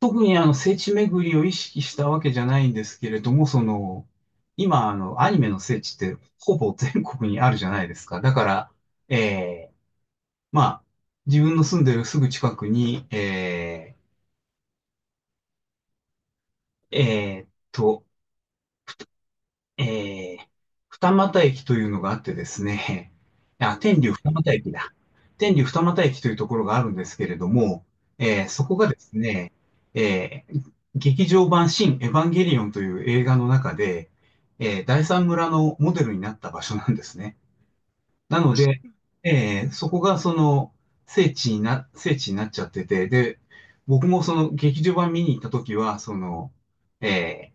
特にあの聖地巡りを意識したわけじゃないんですけれども、その、今あのアニメの聖地ってほぼ全国にあるじゃないですか。だから、えーまあ、自分の住んでるすぐ近くに、ーえーっと、えー、二俣駅というのがあってですね、あ、天竜二俣駅だ。天竜二俣駅というところがあるんですけれども、そこがですね、劇場版新エヴァンゲリオンという映画の中で、第三村のモデルになった場所なんですね。なので、そこがその聖地になっちゃってて、で、僕もその劇場版見に行った時は、その、えー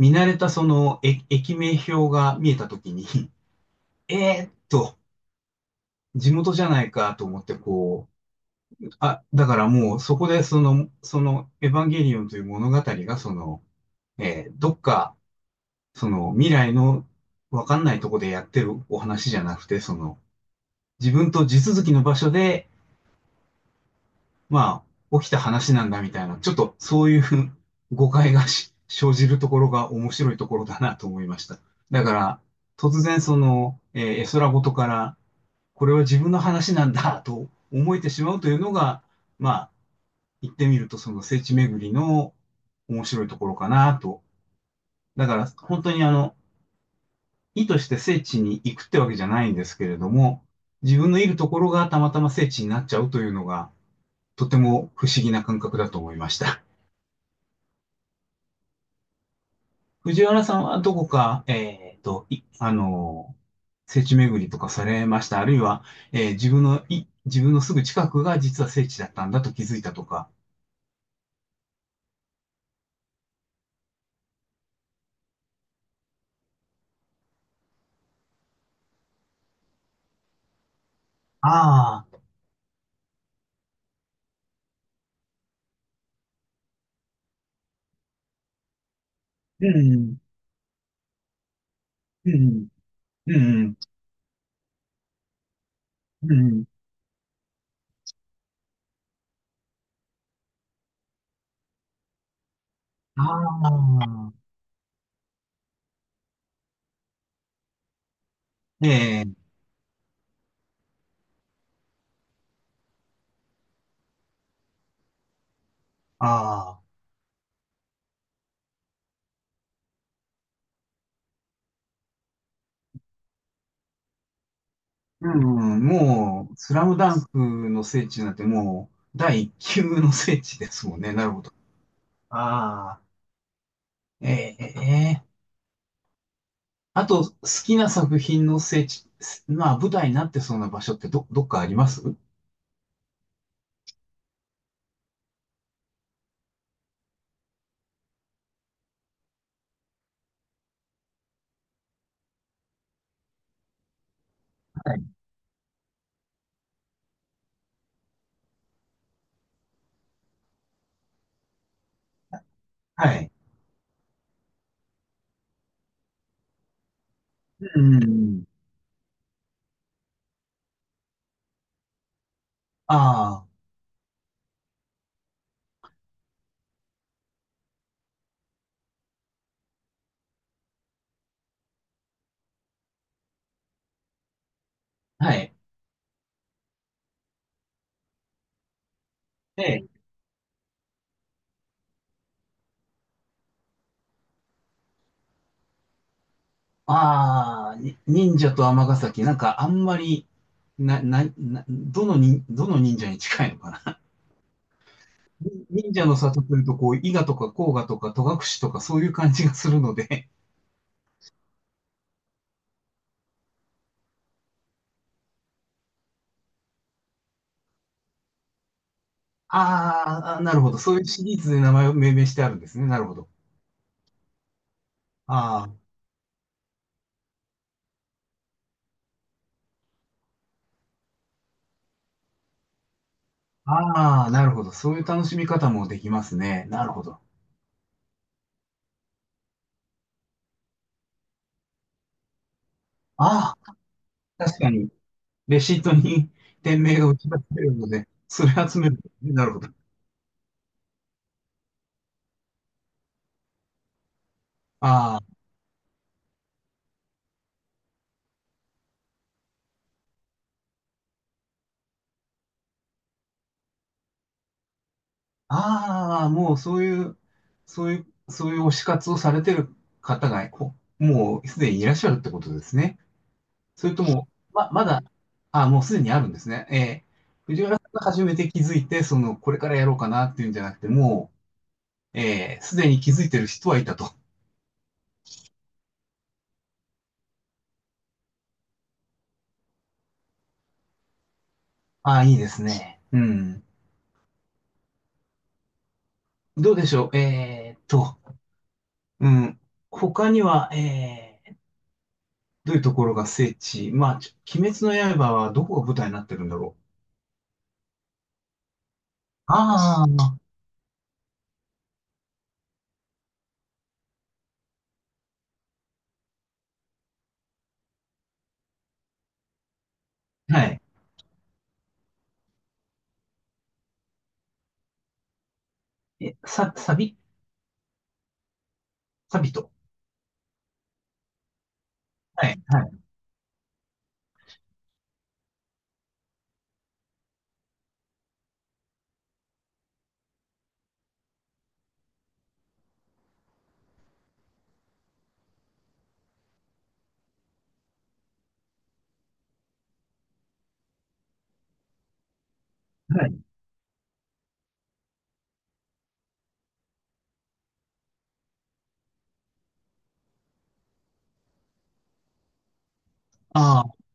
見慣れたその駅名表が見えたときに、えーっと、地元じゃないかと思ってこう、あ、だからもうそこでそのエヴァンゲリオンという物語がその、どっか、その未来のわかんないとこでやってるお話じゃなくて、その、自分と地続きの場所でまあ、起きた話なんだみたいな、ちょっとそういう 誤解が生じるところが面白いところだなと思いました。だから、突然その、絵空事から、これは自分の話なんだと思えてしまうというのが、まあ、言ってみるとその聖地巡りの面白いところかなと。だから、本当にあの、意図して聖地に行くってわけじゃないんですけれども、自分のいるところがたまたま聖地になっちゃうというのが、とても不思議な感覚だと思いました。藤原さんはどこか、あの、聖地巡りとかされました？あるいは、自分のすぐ近くが実は聖地だったんだと気づいたとか？ああ、うん、うん、うん、うん、ああ、ええ、ああ、うん、もう、スラムダンクの聖地なんてもう、第一級の聖地ですもんね。なるほど。ああ、ええ、あと、好きな作品の聖地、まあ、舞台になってそうな場所ってどっかありますはいはい。うん。ああ、はい。で、ああ、忍者と尼崎、なんかあんまり、な、な、な、どのに、どの忍者に近いのかな。忍者の里というと、こう、伊賀とか甲賀とか戸隠とかそういう感じがするので、ああ、なるほど。そういうシリーズで名前を命名してあるんですね。なるほど。ああ、ああ、なるほど。そういう楽しみ方もできますね。なるほど。ああ、確かに。レシートに店名が打ち出されるので、それ集める。なるほど。ああ、ああ、もうそういう、そういう、そういう推し活をされてる方が、もうすでにいらっしゃるってことですね。それとも、まだ、ああ、もうすでにあるんですね。ええ、藤原さんが初めて気づいて、その、これからやろうかなっていうんじゃなくて、もう、ええ、すでに気づいてる人はいたと。ああ、いいですね。うん。どうでしょう。うん。他には、どういうところが聖地まあ、鬼滅の刃はどこが舞台になってるんだろああ、う。はい。え、さ、サビサビと。はい、はい、はい。ああ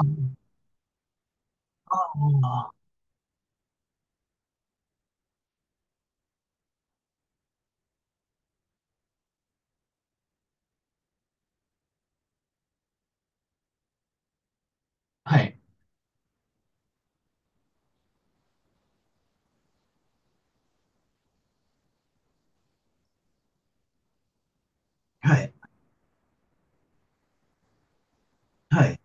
ああああはい、はい、はい、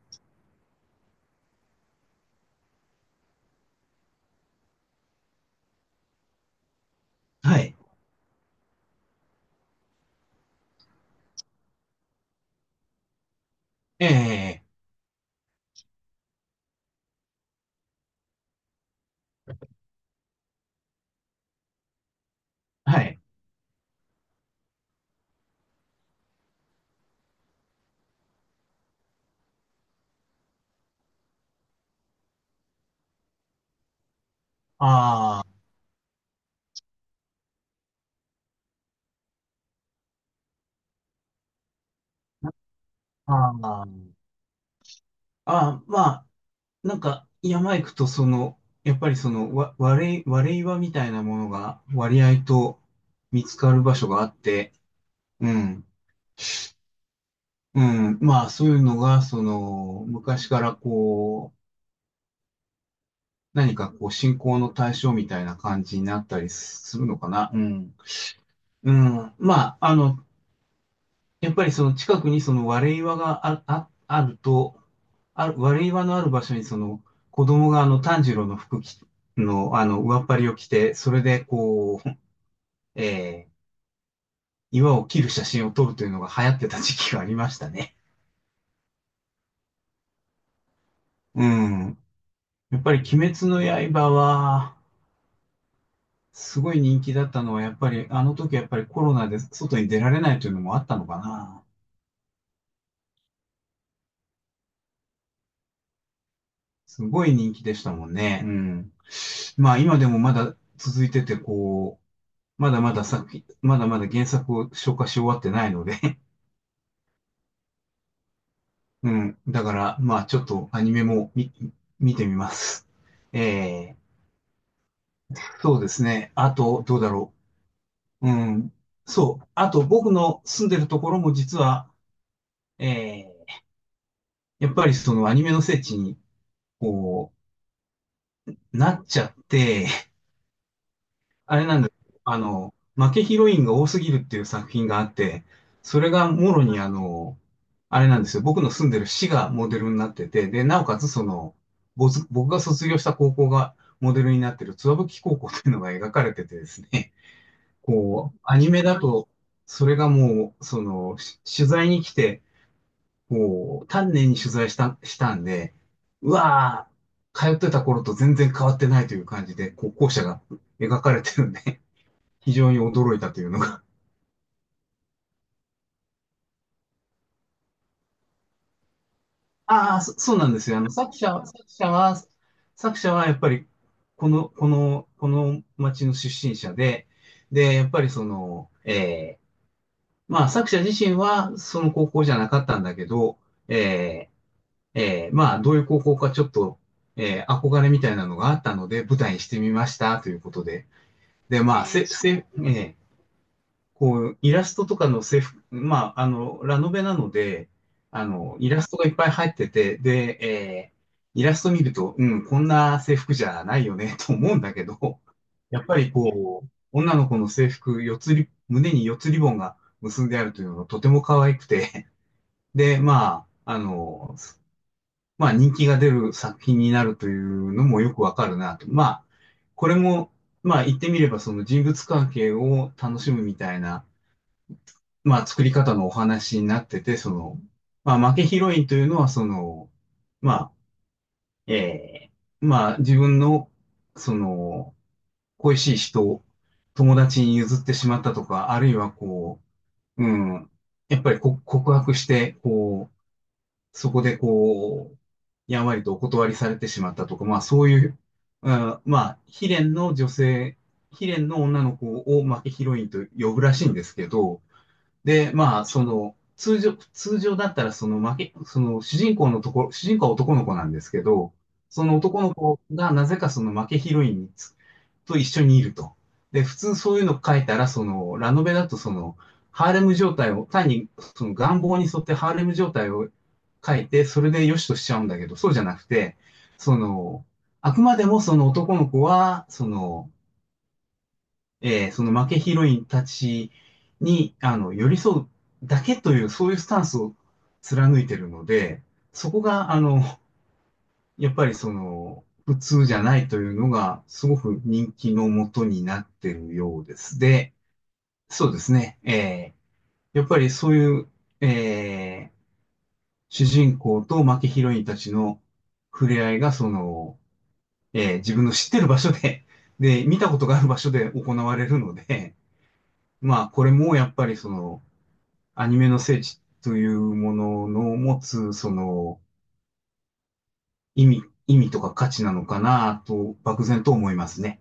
はい。ええ、はい。あー、あああああまあ、なんか、山行くと、その、やっぱりその、わ、割れ、割れ岩みたいなものが割合と見つかる場所があって、うん。うん、まあそういうのが、その、昔からこう、何かこう信仰の対象みたいな感じになったりするのかな。うん。うん。まあ、あの、やっぱりその近くにその割れ岩があると、割れ岩のある場所にその子供があの炭治郎の服着の、あの、上っ張りを着て、それでこう、えー岩を切る写真を撮るというのが流行ってた時期がありましたね。うん。やっぱり鬼滅の刃は、すごい人気だったのは、やっぱり、あの時やっぱりコロナで外に出られないというのもあったのかな。すごい人気でしたもんね。うん。まあ今でもまだ続いてて、こう、まだまだ作品、まだまだ原作を消化し終わってないので、うん。だから、まあちょっとアニメも見てみます。えそうですね。あと、どうだろう。うん。そう。あと、僕の住んでるところも実は、えやっぱりそのアニメの聖地に、こう、なっちゃって、あれなんだ、あの、負けヒロインが多すぎるっていう作品があって、それがもろにあの、あれなんですよ、僕の住んでる市がモデルになってて、で、なおかつその、僕が卒業した高校がモデルになってる津和吹高校っていうのが描かれててですね、こう、アニメだと、それがもう、その、取材に来て、もう、丹念に取材したんで、うわー、通ってた頃と全然変わってないという感じで、こう、校舎が描かれてるんで、非常に驚いたというのが。ああ、そうなんですよ。あの、作者はやっぱり、この町の出身者で、で、やっぱりその、まあ、作者自身はその高校じゃなかったんだけど、えーまあ、どういう高校かちょっと、憧れみたいなのがあったので、舞台にしてみました、ということで。で、まあ、えーせ、せ、えーこう、イラストとかの制服、まあ、あの、ラノベなので、あの、イラストがいっぱい入ってて、で、イラスト見ると、うん、こんな制服じゃないよね、と思うんだけど、やっぱりこう、女の子の制服、四つり、胸に四つリボンが結んであるというのがとても可愛くて、で、まあ、あの、まあ人気が出る作品になるというのもよくわかるなと。まあ、これも、まあ言ってみればその人物関係を楽しむみたいな、まあ作り方のお話になってて、その、まあ負けヒロインというのはその、まあ、えまあ自分の、その、恋しい人を友達に譲ってしまったとか、あるいはこう、うん、やっぱり告白して、こう、そこでこう、やんわりとお断りされてしまったとか、まあそういう、うんまあ、悲恋の女の子を、まあ、ヒロインと呼ぶらしいんですけど、で、まあ、その、通常だったら、その負け、その主人公のところ、主人公は男の子なんですけど、その男の子がなぜかその負けヒロインにと一緒にいると。で、普通そういうの書いたら、その、ラノベだとその、ハーレム状態を、単にその願望に沿ってハーレム状態を書いて、それで良しとしちゃうんだけど、そうじゃなくて、その、あくまでもその男の子は、その、その負けヒロインたちに、あの、寄り添うだけという、そういうスタンスを貫いてるので、そこが、あの、やっぱりその、普通じゃないというのが、すごく人気のもとになってるようです。で、そうですね。やっぱりそういう、えー主人公と負けヒロインたちの触れ合いが、その、自分の知ってる場所で、で、見たことがある場所で行われるので、まあ、これもやっぱりその、アニメの聖地というものの持つ、その、意味とか価値なのかなと、漠然と思いますね。